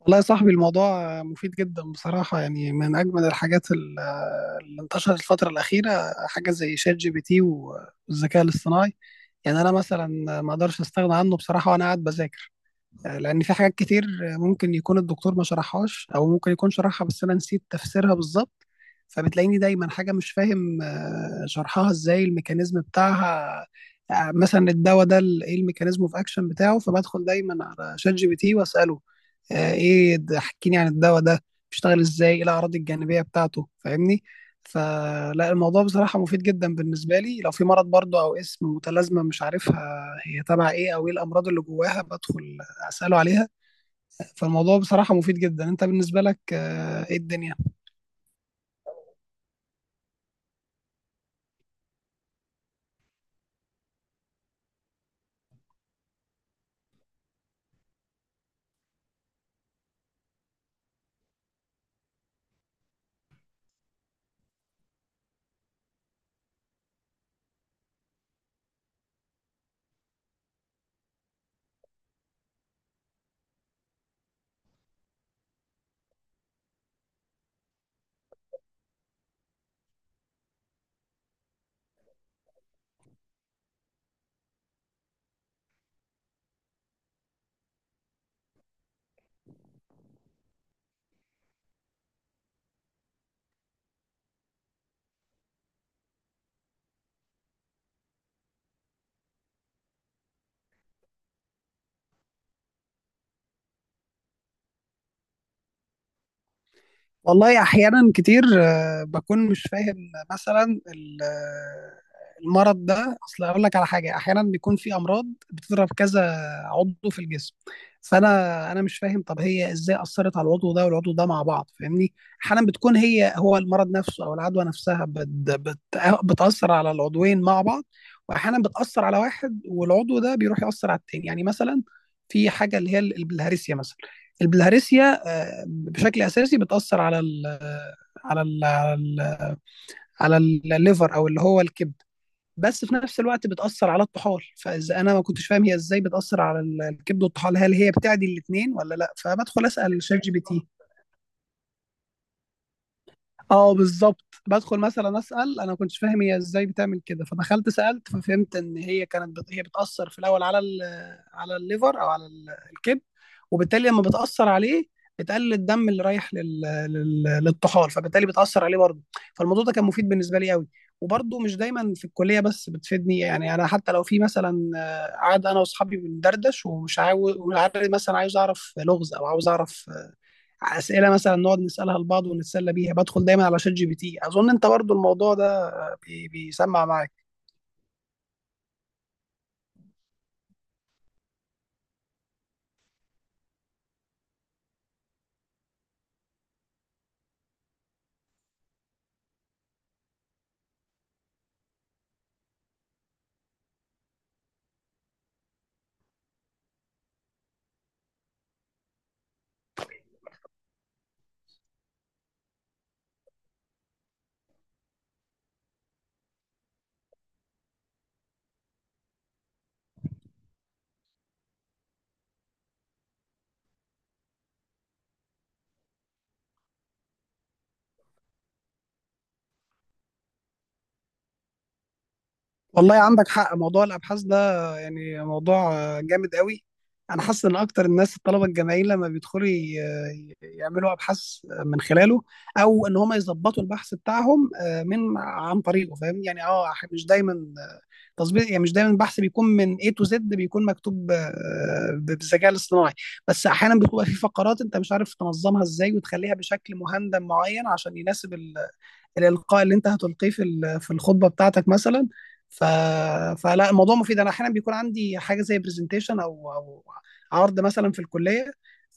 والله يا صاحبي، الموضوع مفيد جدا بصراحة. يعني من أجمل الحاجات اللي انتشرت الفترة الأخيرة، حاجة زي شات جي بي تي والذكاء الاصطناعي. يعني أنا مثلا ما أقدرش أستغنى عنه بصراحة وأنا قاعد بذاكر، لأن في حاجات كتير ممكن يكون الدكتور ما شرحهاش أو ممكن يكون شرحها بس أنا نسيت تفسيرها بالظبط. فبتلاقيني دايما حاجة مش فاهم شرحها إزاي، الميكانيزم بتاعها. مثلا الدواء ده ايه الميكانيزم اوف اكشن بتاعه، فبدخل دايما على شات جي بي تي واساله ايه احكيني عن الدواء ده، بيشتغل ازاي، ايه الاعراض الجانبيه بتاعته، فاهمني. فلا الموضوع بصراحه مفيد جدا بالنسبه لي. لو في مرض برضه او اسم متلازمه مش عارفها هي تبع ايه او ايه الامراض اللي جواها، بدخل اساله عليها. فالموضوع بصراحه مفيد جدا. انت بالنسبه لك ايه الدنيا؟ والله احيانا كتير بكون مش فاهم مثلا المرض ده. اصل اقول لك على حاجه، احيانا بيكون في امراض بتضرب كذا عضو في الجسم. فانا مش فاهم، طب هي ازاي اثرت على العضو ده والعضو ده مع بعض؟ فاهمني. احيانا بتكون هي هو المرض نفسه او العدوى نفسها بت بت بتاثر على العضوين مع بعض، واحيانا بتاثر على واحد والعضو ده بيروح ياثر على التاني. يعني مثلا في حاجه اللي هي البلهارسيا، مثلا البلهارسيا بشكل اساسي بتاثر على ال على ال على ال على الليفر او اللي هو الكبد، بس في نفس الوقت بتاثر على الطحال. فاذا انا ما كنتش فاهم هي ازاي بتاثر على الكبد والطحال، هل هي بتعدي الاثنين ولا لا، فبدخل اسال شات جي بي تي. اه، بالظبط، بدخل مثلا اسال. انا ما كنتش فاهم هي ازاي بتعمل كده، فدخلت سالت ففهمت ان هي كانت هي بتاثر في الاول على على الليفر او على الكبد، وبالتالي لما بتاثر عليه بتقلل الدم اللي رايح للطحال، فبالتالي بتاثر عليه برضه. فالموضوع ده كان مفيد بالنسبه لي قوي. وبرضه مش دايما في الكليه بس بتفيدني، يعني انا حتى لو في مثلا قاعد انا واصحابي بندردش ومش عاوز ومش عارف، مثلا عايز اعرف لغز او عاوز اعرف اسئله مثلا نقعد نسالها لبعض ونتسلى بيها، بدخل دايما على شات جي بي تي. اظن انت برضو الموضوع ده بيسمع معاك. والله عندك حق، موضوع الابحاث ده يعني موضوع جامد قوي. انا حاسس ان اكتر الناس، الطلبه الجامعيين، لما بيدخلوا يعملوا ابحاث من خلاله، او ان هم يظبطوا البحث بتاعهم آه، من عن طريقه، فاهم يعني. اه مش دايما تظبيط، يعني مش دايما البحث بيكون من A to Z بيكون مكتوب بالذكاء الاصطناعي، بس احيانا بتبقى في فقرات انت مش عارف تنظمها ازاي وتخليها بشكل مهندم معين عشان يناسب الإلقاء اللي أنت هتلقيه في في الخطبة بتاعتك مثلا. ف... فلا الموضوع مفيد. أنا أحيانا بيكون عندي حاجة زي برزنتيشن أو عرض مثلا في الكلية،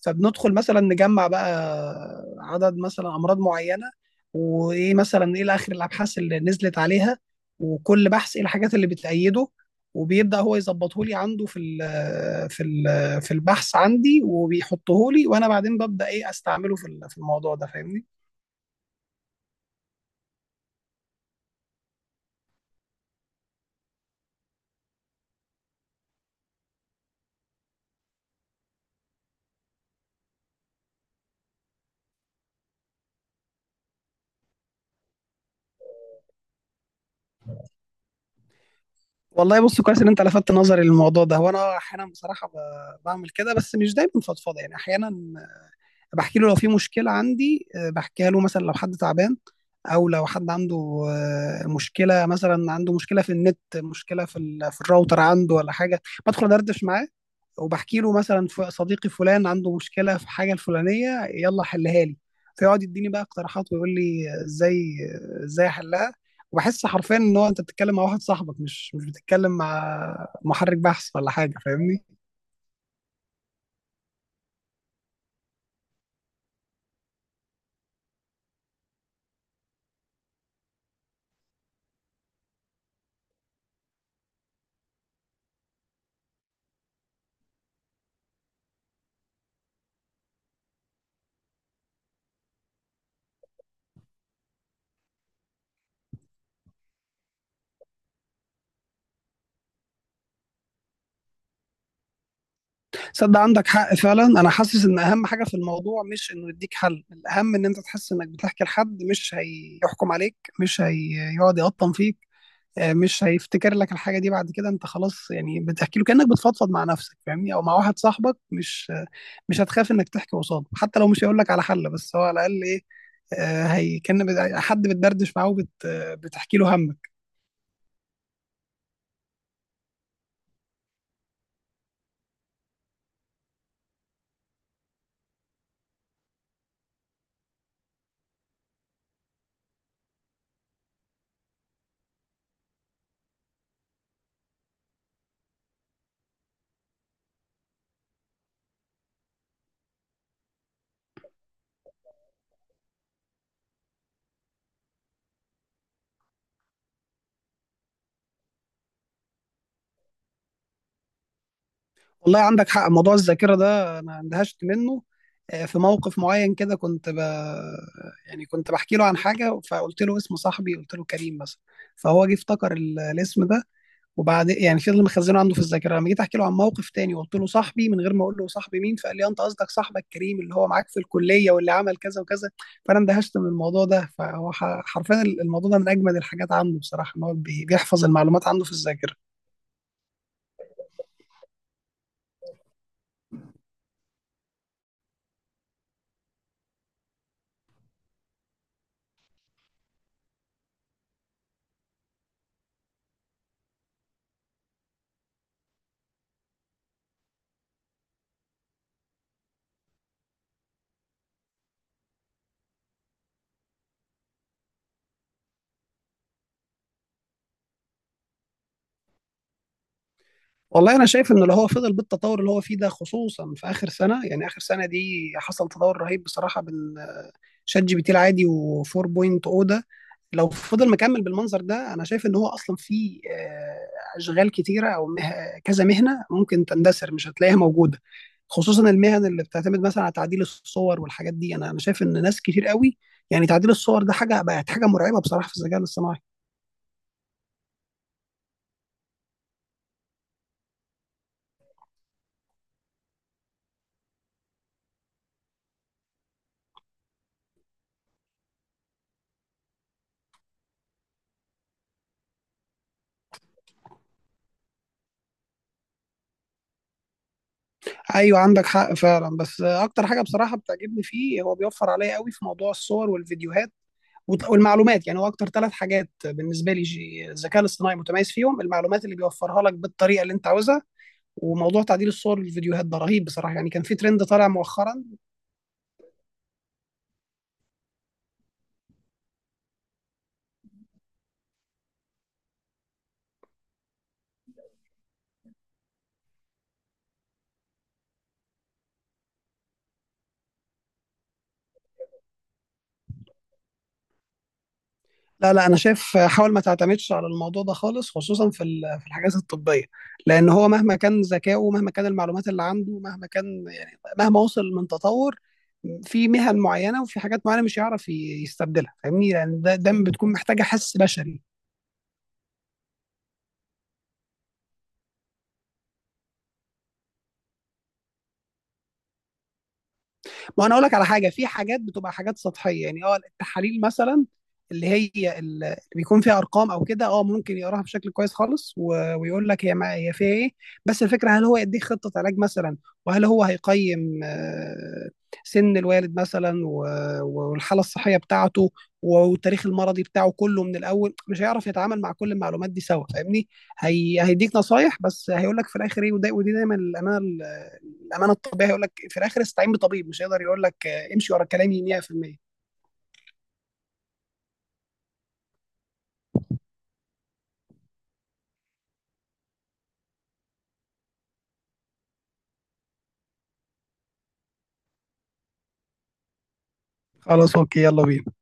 فبندخل مثلا نجمع بقى عدد مثلا أمراض معينة، وإيه مثلا إيه آخر الأبحاث اللي نزلت عليها، وكل بحث إيه الحاجات اللي بتأيده، وبيبدأ هو يظبطه لي عنده في ال في ال في البحث عندي، وبيحطه لي وانا بعدين ببدأ ايه استعمله في في الموضوع ده، فاهمني. والله بص، كويس ان انت لفتت نظري للموضوع ده. وانا احيانا بصراحه بعمل كده بس مش دايما فضفاضه، يعني احيانا بحكي له لو في مشكله عندي، بحكيها له مثلا، لو حد تعبان او لو حد عنده مشكله، مثلا عنده مشكله في النت، مشكله في في الراوتر عنده ولا حاجه، بدخل ادردش معاه وبحكي له مثلا صديقي فلان عنده مشكله في الحاجه الفلانيه، يلا حلها لي. فيقعد يديني بقى اقتراحات ويقول لي ازاي احلها. وبحس حرفيا ان هو انت بتتكلم مع واحد صاحبك، مش بتتكلم مع محرك بحث ولا حاجه، فاهمني. صدق عندك حق فعلا. انا حاسس ان اهم حاجه في الموضوع مش انه يديك حل، الاهم ان انت تحس انك بتحكي لحد مش هيحكم عليك، مش هيقعد يقطم فيك، مش هيفتكر لك الحاجه دي بعد كده، انت خلاص. يعني بتحكي له كانك بتفضفض مع نفسك، فاهمني، او مع واحد صاحبك، مش هتخاف انك تحكي قصاده. حتى لو مش هيقول لك على حل، بس هو على الاقل ايه، هي كان حد بتدردش معاه. وبت آه، بتحكي له همك. والله عندك حق، موضوع الذاكره ده انا اندهشت منه. في موقف معين كده كنت يعني كنت بحكي له عن حاجه فقلت له اسم صاحبي، قلت له كريم مثلا، فهو جه افتكر الاسم ده، وبعد يعني فضل مخزنه عنده في الذاكره. لما جيت احكي له عن موقف تاني وقلت له صاحبي، من غير ما اقول له صاحبي مين، فقال لي انت قصدك صاحبك كريم اللي هو معاك في الكليه واللي عمل كذا وكذا. فانا اندهشت من الموضوع ده. فهو حرفيا الموضوع ده من اجمد الحاجات عنده بصراحه، ان هو بيحفظ المعلومات عنده في الذاكره. والله انا شايف ان اللي هو فضل بالتطور اللي هو فيه ده، خصوصا في اخر سنه. يعني اخر سنه دي حصل تطور رهيب بصراحه بال شات جي بي تي العادي و4.0 ده. لو فضل مكمل بالمنظر ده، انا شايف ان هو اصلا في اشغال كتيره او كذا مهنه ممكن تندثر، مش هتلاقيها موجوده، خصوصا المهن اللي بتعتمد مثلا على تعديل الصور والحاجات دي. انا شايف ان ناس كتير قوي، يعني تعديل الصور ده حاجه بقت حاجه مرعبه بصراحه في الذكاء الاصطناعي. ايوه، عندك حق فعلا. بس اكتر حاجه بصراحه بتعجبني فيه، هو بيوفر عليا قوي في موضوع الصور والفيديوهات والمعلومات. يعني هو اكتر ثلاث حاجات بالنسبه لي الذكاء الاصطناعي متميز فيهم: المعلومات اللي بيوفرها لك بالطريقه اللي انت عاوزها، وموضوع تعديل الصور والفيديوهات ده رهيب بصراحه. يعني كان في ترند طالع مؤخرا. لا لا، انا شايف حاول ما تعتمدش على الموضوع ده خالص، خصوصا في في الحاجات الطبيه، لان هو مهما كان ذكائه، مهما كان المعلومات اللي عنده، مهما كان، يعني مهما وصل من تطور، في مهن معينه وفي حاجات معينه مش هيعرف يستبدلها، فاهمني. يعني ده بتكون محتاجه حس بشري. ما انا اقول لك على حاجه، في حاجات بتبقى حاجات سطحيه، يعني التحاليل مثلا، اللي هي اللي بيكون فيها ارقام او كده، ممكن يقراها بشكل كويس خالص ويقول لك هي ما هي فيها ايه. بس الفكره، هل هو يديك خطه علاج مثلا؟ وهل هو هيقيم سن الوالد مثلا والحاله الصحيه بتاعته والتاريخ المرضي بتاعه كله من الاول؟ مش هيعرف يتعامل مع كل المعلومات دي سوا، فاهمني. هي هيديك نصايح بس هيقول لك في الاخر ايه، ودي دايما الامانه. الأمانة الطبيعي هيقول لك في الآخر استعين بطبيب، مش هيقدر يقول لك امشي ورا كلامي 100%. خلاص أوكي، يلا بينا.